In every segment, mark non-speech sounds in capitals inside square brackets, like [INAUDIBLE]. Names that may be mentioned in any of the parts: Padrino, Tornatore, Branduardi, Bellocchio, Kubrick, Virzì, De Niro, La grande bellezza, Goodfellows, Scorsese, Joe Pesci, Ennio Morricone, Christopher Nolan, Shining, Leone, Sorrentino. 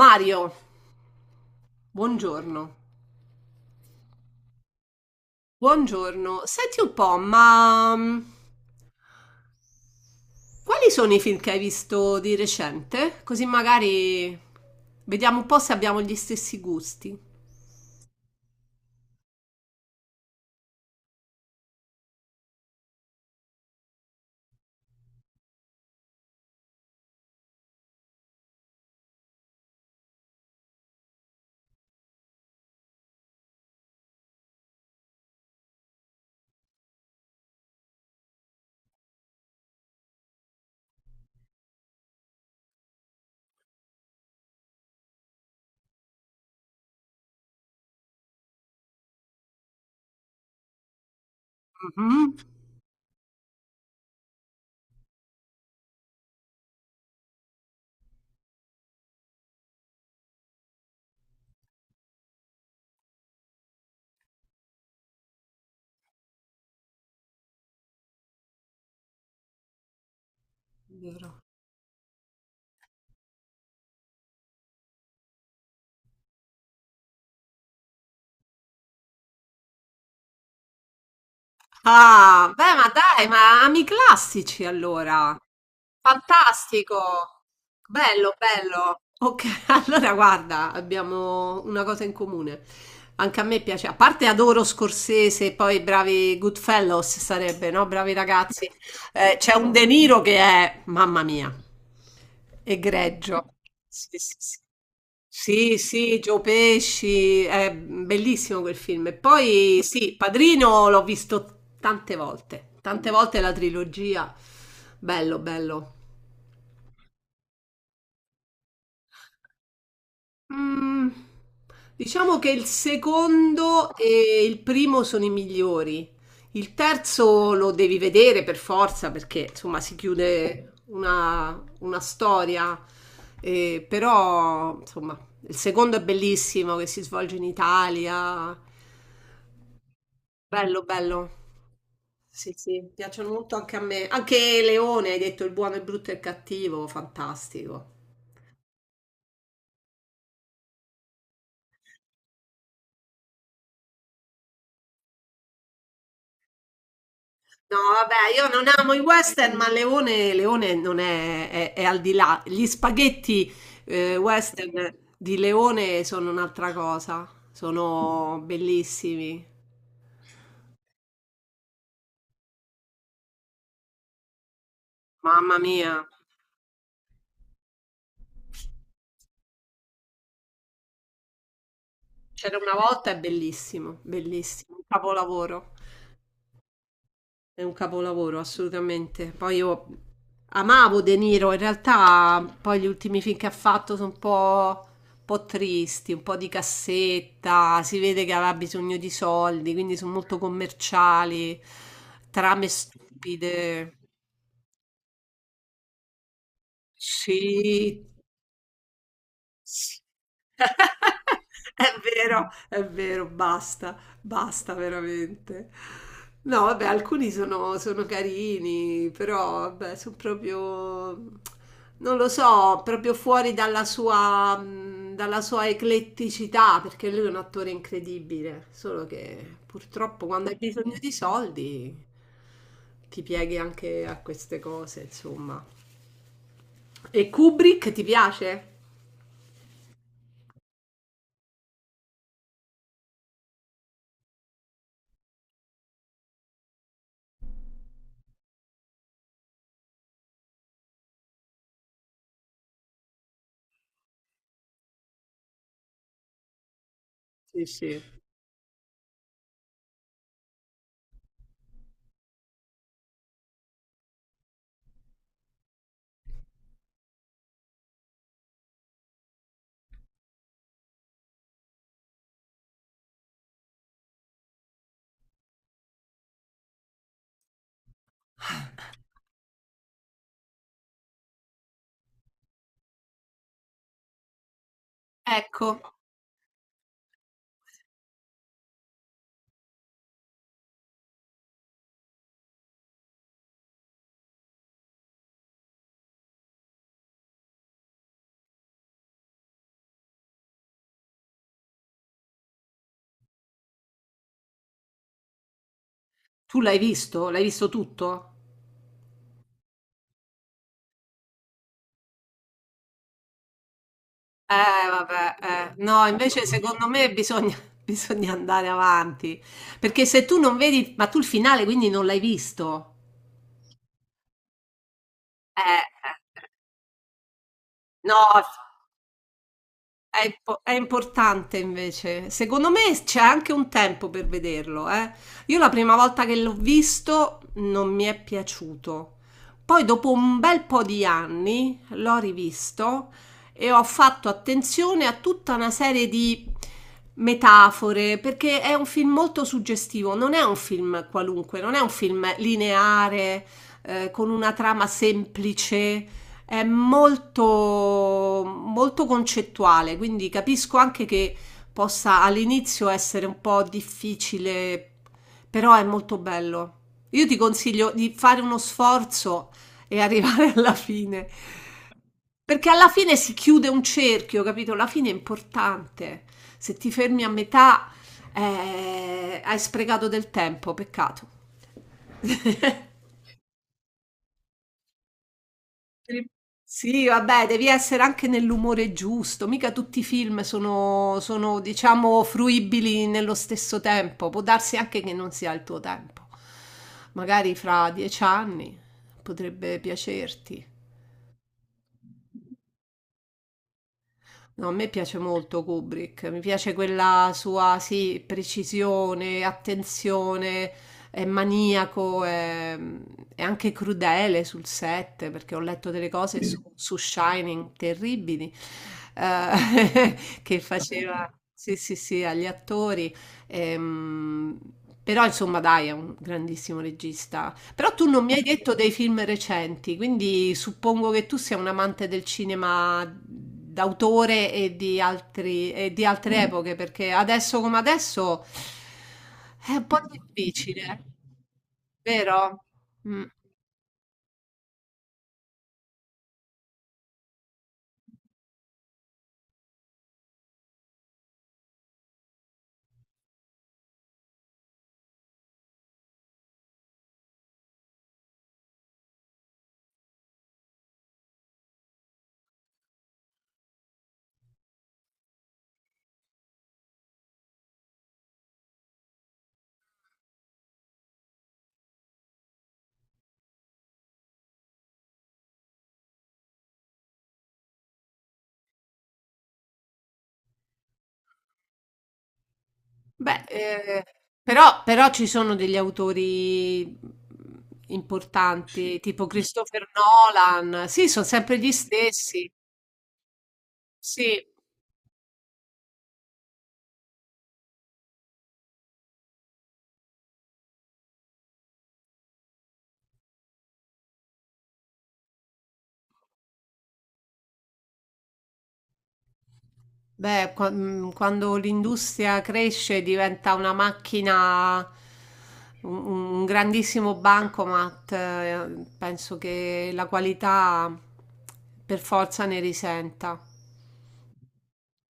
Mario, buongiorno. Buongiorno. Senti un po', ma quali sono i film che hai visto di recente? Così magari vediamo un po' se abbiamo gli stessi gusti. Mhm. Ah, beh, ma dai, ma ami i classici allora. Fantastico. Bello, bello. Ok, [LAUGHS] allora guarda, abbiamo una cosa in comune. Anche a me piace, a parte adoro Scorsese, e poi bravi Goodfellows sarebbe, no? Bravi ragazzi. C'è un De Niro che è, mamma mia, egregio. Sì, sì, sì. Sì, sì, Joe Pesci, è bellissimo quel film. E poi sì, Padrino l'ho visto tante volte la trilogia. Bello, bello. Mm, diciamo che il secondo e il primo sono i migliori. Il terzo lo devi vedere per forza perché insomma si chiude una storia, eh, però insomma il secondo è bellissimo che si svolge in Italia. Bello, bello. Sì, sì, piacciono molto anche a me. Anche Leone, hai detto il buono, il brutto e il cattivo, fantastico. No, vabbè, io non amo i western, ma Leone, Leone non è al di là. Gli spaghetti western di Leone sono un'altra cosa, sono bellissimi. Mamma mia, c'era una volta, è bellissimo, bellissimo, un capolavoro. È un capolavoro, assolutamente. Poi io amavo De Niro, in realtà poi gli ultimi film che ha fatto sono un po' tristi, un po' di cassetta, si vede che aveva bisogno di soldi, quindi sono molto commerciali, trame stupide. Sì, [LAUGHS] è vero, è vero, basta, basta veramente. No, vabbè, alcuni sono carini, però vabbè, sono proprio, non lo so, proprio fuori dalla sua ecletticità, perché lui è un attore incredibile, solo che purtroppo quando hai bisogno di soldi ti pieghi anche a queste cose, insomma. E Kubrick ti piace? Sì, sì. Ecco, tu l'hai visto? L'hai visto tutto? Vabbè, eh. No, invece secondo me bisogna, [LAUGHS] bisogna andare avanti. Perché se tu non vedi, ma tu il finale quindi non l'hai visto. Eh. No, è importante invece. Secondo me c'è anche un tempo per vederlo, eh. Io la prima volta che l'ho visto non mi è piaciuto. Poi dopo un bel po' di anni l'ho rivisto e ho fatto attenzione a tutta una serie di metafore, perché è un film molto suggestivo, non è un film qualunque, non è un film lineare, con una trama semplice è molto, molto concettuale, quindi capisco anche che possa all'inizio essere un po' difficile, però è molto bello. Io ti consiglio di fare uno sforzo e [LAUGHS] arrivare alla fine, perché alla fine si chiude un cerchio, capito? La fine è importante. Se ti fermi a metà, hai sprecato del tempo, peccato. [LAUGHS] Pri sì, vabbè, devi essere anche nell'umore giusto, mica tutti i film sono, diciamo, fruibili nello stesso tempo. Può darsi anche che non sia il tuo tempo. Magari fra 10 anni potrebbe piacerti. No, a me piace molto Kubrick, mi piace quella sua, sì, precisione, attenzione, è maniaco, è anche crudele sul set, perché ho letto delle cose su Shining terribili, eh, [LAUGHS] che faceva, sì, sì, sì, agli attori. Ehm, però, insomma, dai, è un grandissimo regista. Però tu non mi hai detto dei film recenti, quindi suppongo che tu sia un amante del cinema d'autore e di altre epoche, perché adesso come adesso è un po' difficile, vero? Mm. Beh, però ci sono degli autori importanti, tipo Christopher Nolan, sì, sono sempre gli stessi, sì. Beh, quando l'industria cresce diventa una macchina, un, un grandissimo bancomat, penso che la qualità per forza ne risenta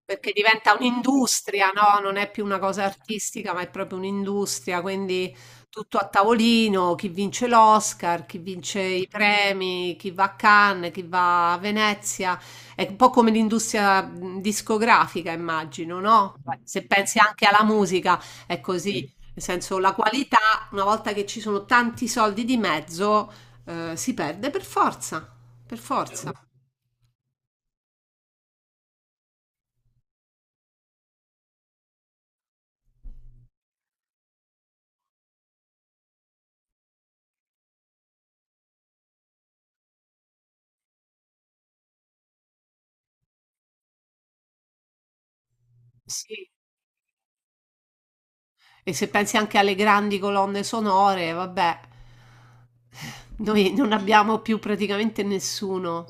perché diventa un'industria, no? Non è più una cosa artistica, ma è proprio un'industria, quindi tutto a tavolino, chi vince l'Oscar, chi vince i premi, chi va a Cannes, chi va a Venezia, è un po' come l'industria discografica, immagino, no? Se pensi anche alla musica, è così, nel senso la qualità, una volta che ci sono tanti soldi di mezzo, si perde per forza, per forza. Sì. E se pensi anche alle grandi colonne sonore, vabbè, noi non abbiamo più praticamente nessuno,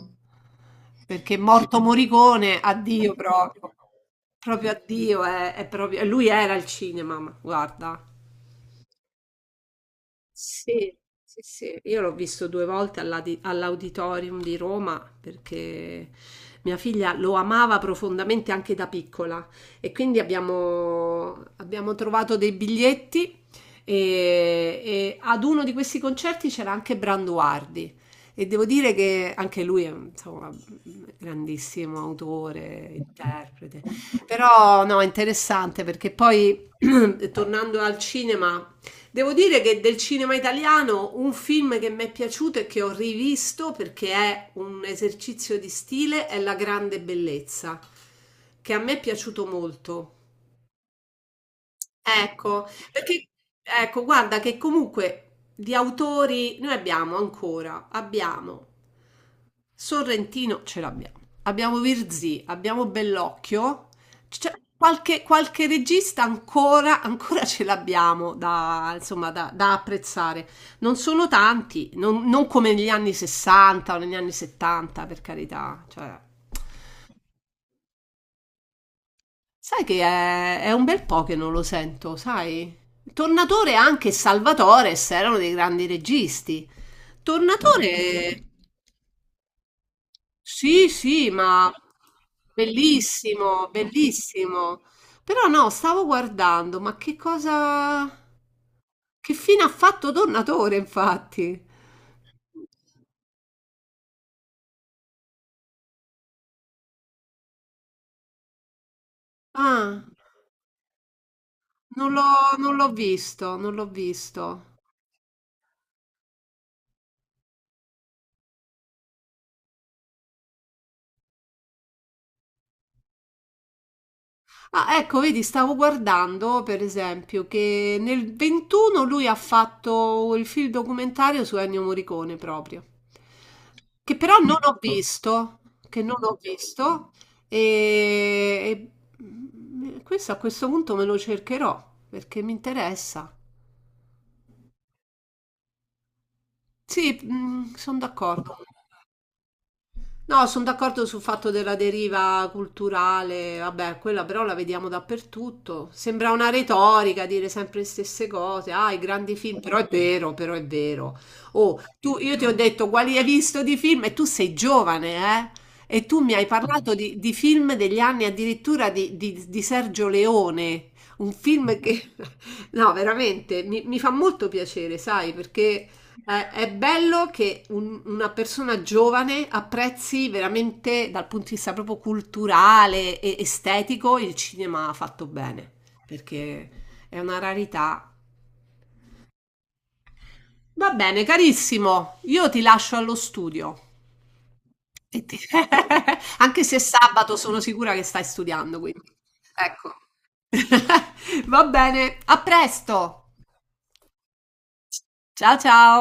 perché morto Morricone, addio proprio, proprio addio, è proprio, lui era il cinema, ma guarda. Sì, sì, sì, io l'ho visto due volte all'auditorium di Roma perché mia figlia lo amava profondamente anche da piccola e quindi abbiamo trovato dei biglietti e ad uno di questi concerti c'era anche Branduardi e devo dire che anche lui è insomma, un grandissimo autore, interprete, però no, è interessante perché poi [CLEARS THROAT] tornando al cinema... Devo dire che del cinema italiano un film che mi è piaciuto e che ho rivisto perché è un esercizio di stile è La grande bellezza, che a me è piaciuto molto. Ecco, perché ecco, guarda che comunque di autori noi abbiamo ancora, abbiamo Sorrentino ce l'abbiamo. Abbiamo Virzì, abbiamo Bellocchio. C'è qualche regista ancora, ancora ce l'abbiamo da, insomma, da apprezzare. Non sono tanti, non come negli anni 60 o negli anni 70, per carità. Cioè, sai che è un bel po' che non lo sento, sai? Tornatore e anche Salvatore erano dei grandi registi. Tornatore. Sì, sì, ma bellissimo, bellissimo. Però no, stavo guardando, ma che cosa... Che fine ha fatto Tornatore, infatti? Ah, non l'ho visto, non l'ho visto. Ah, ecco, vedi, stavo guardando per esempio che nel 21 lui ha fatto il film documentario su Ennio Morricone proprio, che però non ho visto, che non ho visto, e, e questo a questo punto me lo cercherò perché mi interessa. Sì, sono d'accordo. No, sono d'accordo sul fatto della deriva culturale, vabbè, quella però la vediamo dappertutto. Sembra una retorica dire sempre le stesse cose. Ah, i grandi film, però è vero, però è vero. Oh, tu, io ti ho detto quali hai visto di film e tu sei giovane, eh? E tu mi hai parlato di film degli anni addirittura di Sergio Leone, un film che... [LAUGHS] No, veramente, mi fa molto piacere, sai, perché... è bello che una persona giovane apprezzi veramente dal punto di vista proprio culturale e estetico il cinema fatto bene, perché è una rarità. Va bene, carissimo, io ti lascio allo studio. E ti- [LAUGHS] Anche se è sabato sono sicura che stai studiando, quindi. Ecco. [LAUGHS] Va bene, a presto. Ciao ciao.